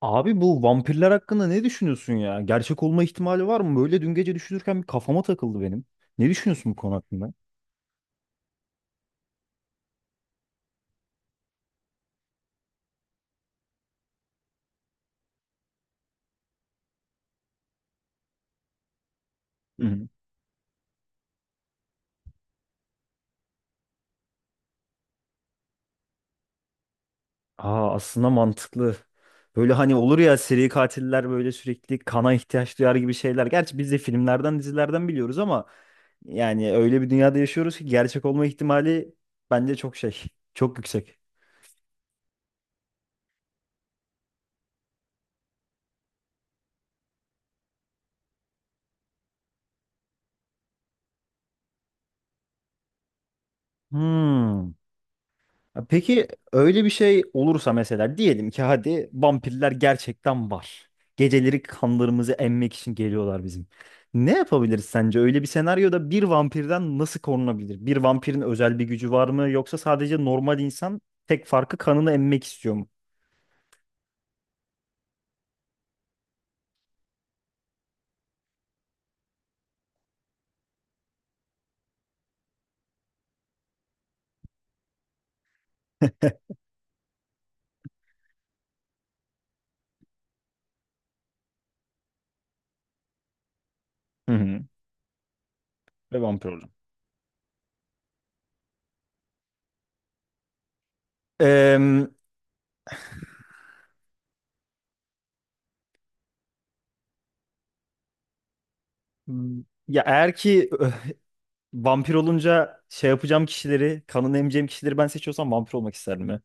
Abi bu vampirler hakkında ne düşünüyorsun ya? Gerçek olma ihtimali var mı? Böyle dün gece düşünürken bir kafama takıldı benim. Ne düşünüyorsun bu konu hakkında? Hı hı. Aa aslında mantıklı. Böyle hani olur ya seri katiller böyle sürekli kana ihtiyaç duyar gibi şeyler. Gerçi biz de filmlerden, dizilerden biliyoruz ama yani öyle bir dünyada yaşıyoruz ki gerçek olma ihtimali bence çok şey, çok yüksek. Hmm. Ya peki öyle bir şey olursa mesela diyelim ki hadi vampirler gerçekten var. Geceleri kanlarımızı emmek için geliyorlar bizim. Ne yapabiliriz sence? Öyle bir senaryoda bir vampirden nasıl korunabilir? Bir vampirin özel bir gücü var mı? Yoksa sadece normal insan tek farkı kanını emmek istiyor mu? Hı hı. Ve vampir olacağım. Eee, ya eğer ki vampir olunca şey yapacağım kişileri, kanını emeceğim kişileri ben seçiyorsam vampir olmak isterdim ya.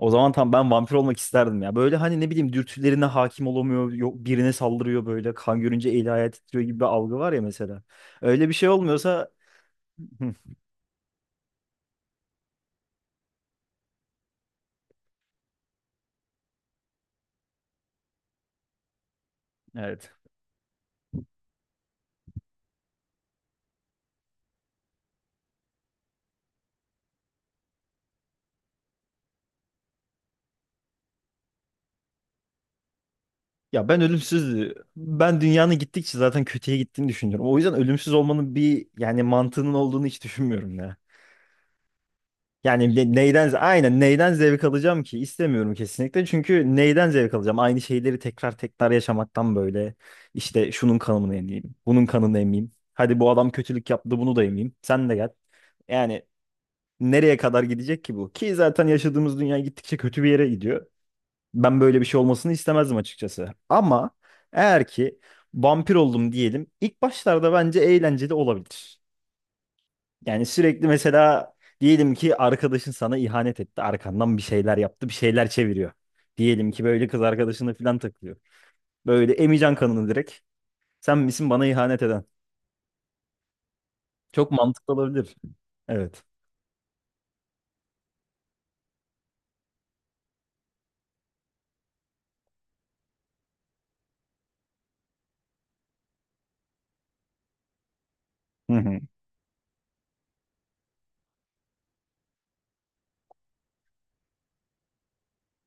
O zaman tam ben vampir olmak isterdim ya. Böyle hani ne bileyim dürtülerine hakim olamıyor. Yok birine saldırıyor böyle. Kan görünce eli ayağı titriyor gibi bir algı var ya mesela. Öyle bir şey olmuyorsa Hı, evet. Ya ben ölümsüz ben dünyanın gittikçe zaten kötüye gittiğini düşünüyorum. O yüzden ölümsüz olmanın bir yani mantığının olduğunu hiç düşünmüyorum ya. Yani neyden aynen neyden zevk alacağım ki? İstemiyorum kesinlikle. Çünkü neyden zevk alacağım? Aynı şeyleri tekrar tekrar yaşamaktan böyle işte şunun kanını emeyim, bunun kanını emeyim. Hadi bu adam kötülük yaptı, bunu da emeyim. Sen de gel. Yani nereye kadar gidecek ki bu? Ki zaten yaşadığımız dünya gittikçe kötü bir yere gidiyor. Ben böyle bir şey olmasını istemezdim açıkçası. Ama eğer ki vampir oldum diyelim, ilk başlarda bence eğlenceli olabilir. Yani sürekli mesela diyelim ki arkadaşın sana ihanet etti. Arkandan bir şeyler yaptı, bir şeyler çeviriyor. Diyelim ki böyle kız arkadaşına falan takılıyor. Böyle emeceksin kanını direkt. Sen misin bana ihanet eden? Çok mantıklı olabilir. Evet. Hı hı.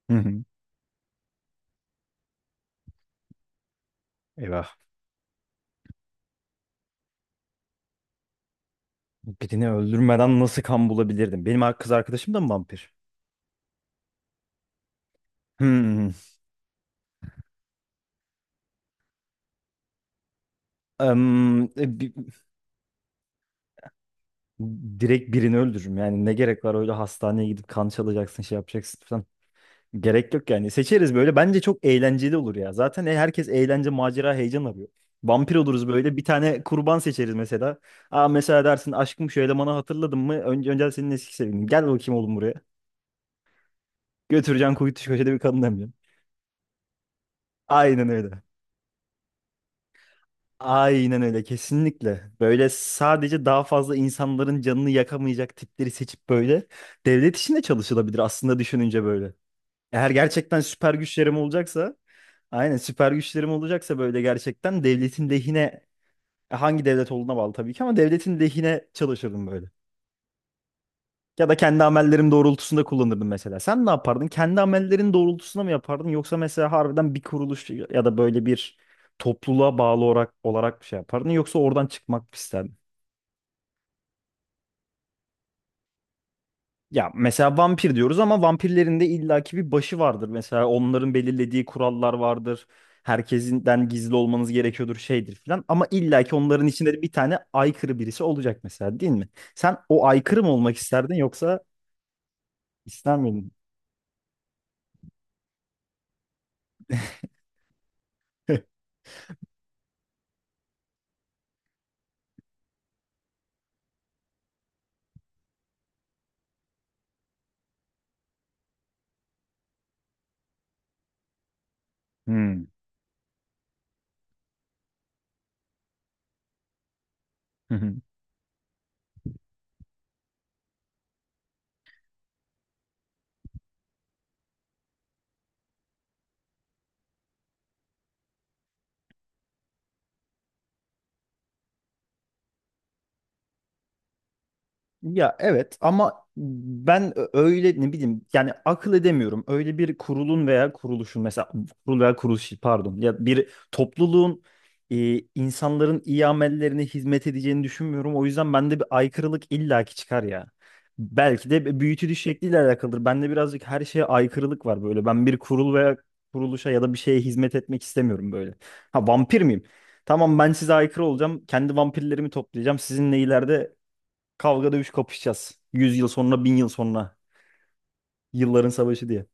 Hı hı. Eyvah. Birini öldürmeden nasıl kan bulabilirdim? Benim kız arkadaşım da mı vampir? Hmm. Em, e, bi- direkt birini öldürürüm. Yani ne gerek var öyle hastaneye gidip kan çalacaksın, şey yapacaksın falan. Gerek yok yani. Seçeriz böyle. Bence çok eğlenceli olur ya. Zaten herkes eğlence, macera, heyecan arıyor. Vampir oluruz böyle. Bir tane kurban seçeriz mesela. Aa mesela dersin aşkım şu elemanı hatırladın mı? Önce senin eski sevgilin. Gel bakayım oğlum buraya. Götüreceksin kuytu köşede bir kadın emeceksin. Aynen öyle. Aynen öyle kesinlikle. Böyle sadece daha fazla insanların canını yakamayacak tipleri seçip böyle devlet işinde çalışılabilir aslında düşününce böyle. Eğer gerçekten süper güçlerim olacaksa, aynen süper güçlerim olacaksa böyle gerçekten devletin lehine hangi devlet olduğuna bağlı tabii ki ama devletin lehine çalışırdım böyle. Ya da kendi amellerim doğrultusunda kullanırdım mesela. Sen ne yapardın? Kendi amellerin doğrultusunda mı yapardın yoksa mesela harbiden bir kuruluş ya da böyle bir topluluğa bağlı olarak bir şey yapardın yoksa oradan çıkmak mı isterdin? Ya mesela vampir diyoruz ama vampirlerin de illaki bir başı vardır. Mesela onların belirlediği kurallar vardır. Herkesinden gizli olmanız gerekiyordur şeydir filan. Ama illaki onların içinde de bir tane aykırı birisi olacak mesela değil mi? Sen o aykırı mı olmak isterdin yoksa ister miydin? Hmm. Ya evet ama ben öyle ne bileyim yani akıl edemiyorum. Öyle bir kurulun veya kuruluşun mesela kurul veya kuruluş pardon ya bir topluluğun insanların iyi amellerine hizmet edeceğini düşünmüyorum. O yüzden bende bir aykırılık illaki çıkar ya. Belki de büyütülüş şekliyle alakalıdır. Bende birazcık her şeye aykırılık var böyle. Ben bir kurul veya kuruluşa ya da bir şeye hizmet etmek istemiyorum böyle. Ha vampir miyim? Tamam ben size aykırı olacağım. Kendi vampirlerimi toplayacağım. Sizinle ileride kavga dövüş kapışacağız. 100 yıl sonra, 1000 yıl sonra. Yılların savaşı diye.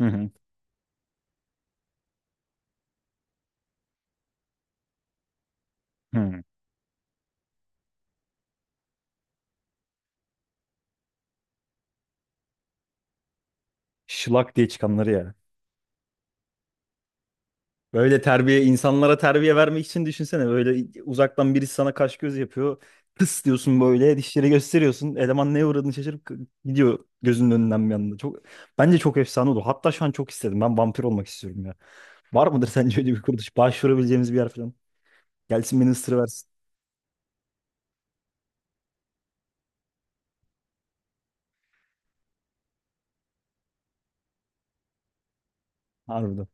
Hı hı. Hı. Şılak diye çıkanları ya. Böyle terbiye, insanlara terbiye vermek için düşünsene. Böyle uzaktan birisi sana kaş göz yapıyor. Tıs diyorsun böyle dişleri gösteriyorsun. Eleman neye uğradığını şaşırıp gidiyor gözünün önünden bir anda. Çok, bence çok efsane olur. Hatta şu an çok istedim. Ben vampir olmak istiyorum ya. Var mıdır sence öyle bir kuruluş? Başvurabileceğimiz bir yer falan. Gelsin beni ısırıversin. Harbiden.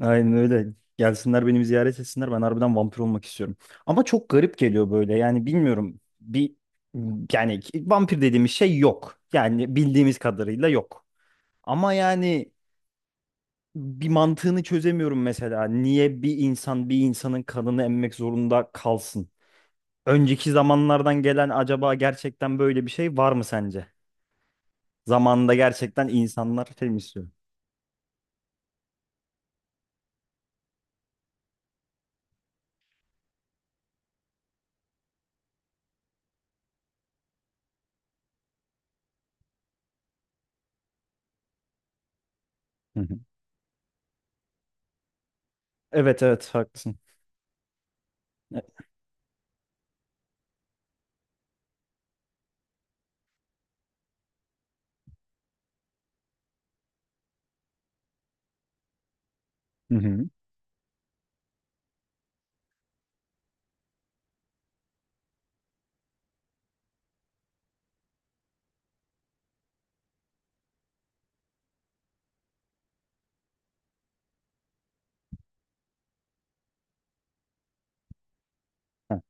Aynen öyle. Gelsinler beni bir ziyaret etsinler. Ben harbiden vampir olmak istiyorum. Ama çok garip geliyor böyle. Yani bilmiyorum. Bir yani vampir dediğimiz şey yok. Yani bildiğimiz kadarıyla yok. Ama yani bir mantığını çözemiyorum mesela. Niye bir insan bir insanın kanını emmek zorunda kalsın? Önceki zamanlardan gelen acaba gerçekten böyle bir şey var mı sence? Zamanında gerçekten insanlar şey mi istiyor? Hı hı. Evet evet haklısın. Hı hı. Heh,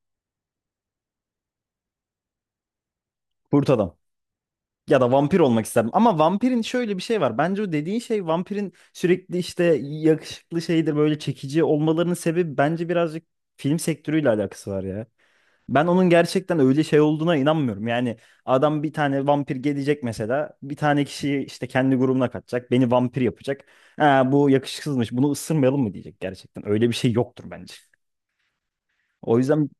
kurt adam. Ya da vampir olmak isterdim. Ama vampirin şöyle bir şey var. Bence o dediğin şey vampirin sürekli işte yakışıklı şeydir böyle çekici olmalarının sebebi bence birazcık film sektörüyle alakası var ya. Ben onun gerçekten öyle şey olduğuna inanmıyorum. Yani adam bir tane vampir gelecek mesela. Bir tane kişiyi işte kendi grubuna katacak. Beni vampir yapacak. Ha, bu yakışıksızmış. Bunu ısırmayalım mı diyecek gerçekten. Öyle bir şey yoktur bence. O yüzden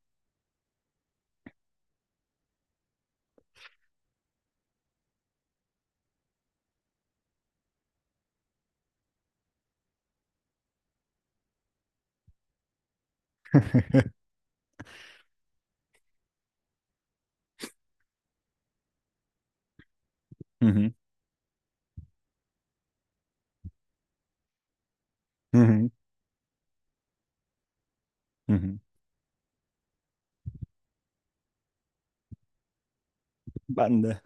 Hı hı. Hı hı. Hı hı. Ben de.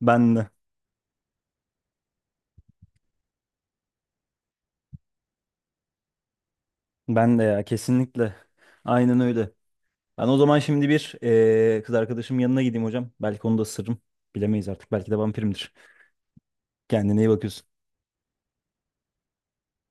Ben de. Ben de ya kesinlikle. Aynen öyle. Ben o zaman şimdi bir kız arkadaşımın yanına gideyim hocam. Belki onu da ısırırım. Bilemeyiz artık. Belki de vampirimdir. Kendine iyi bakıyorsun.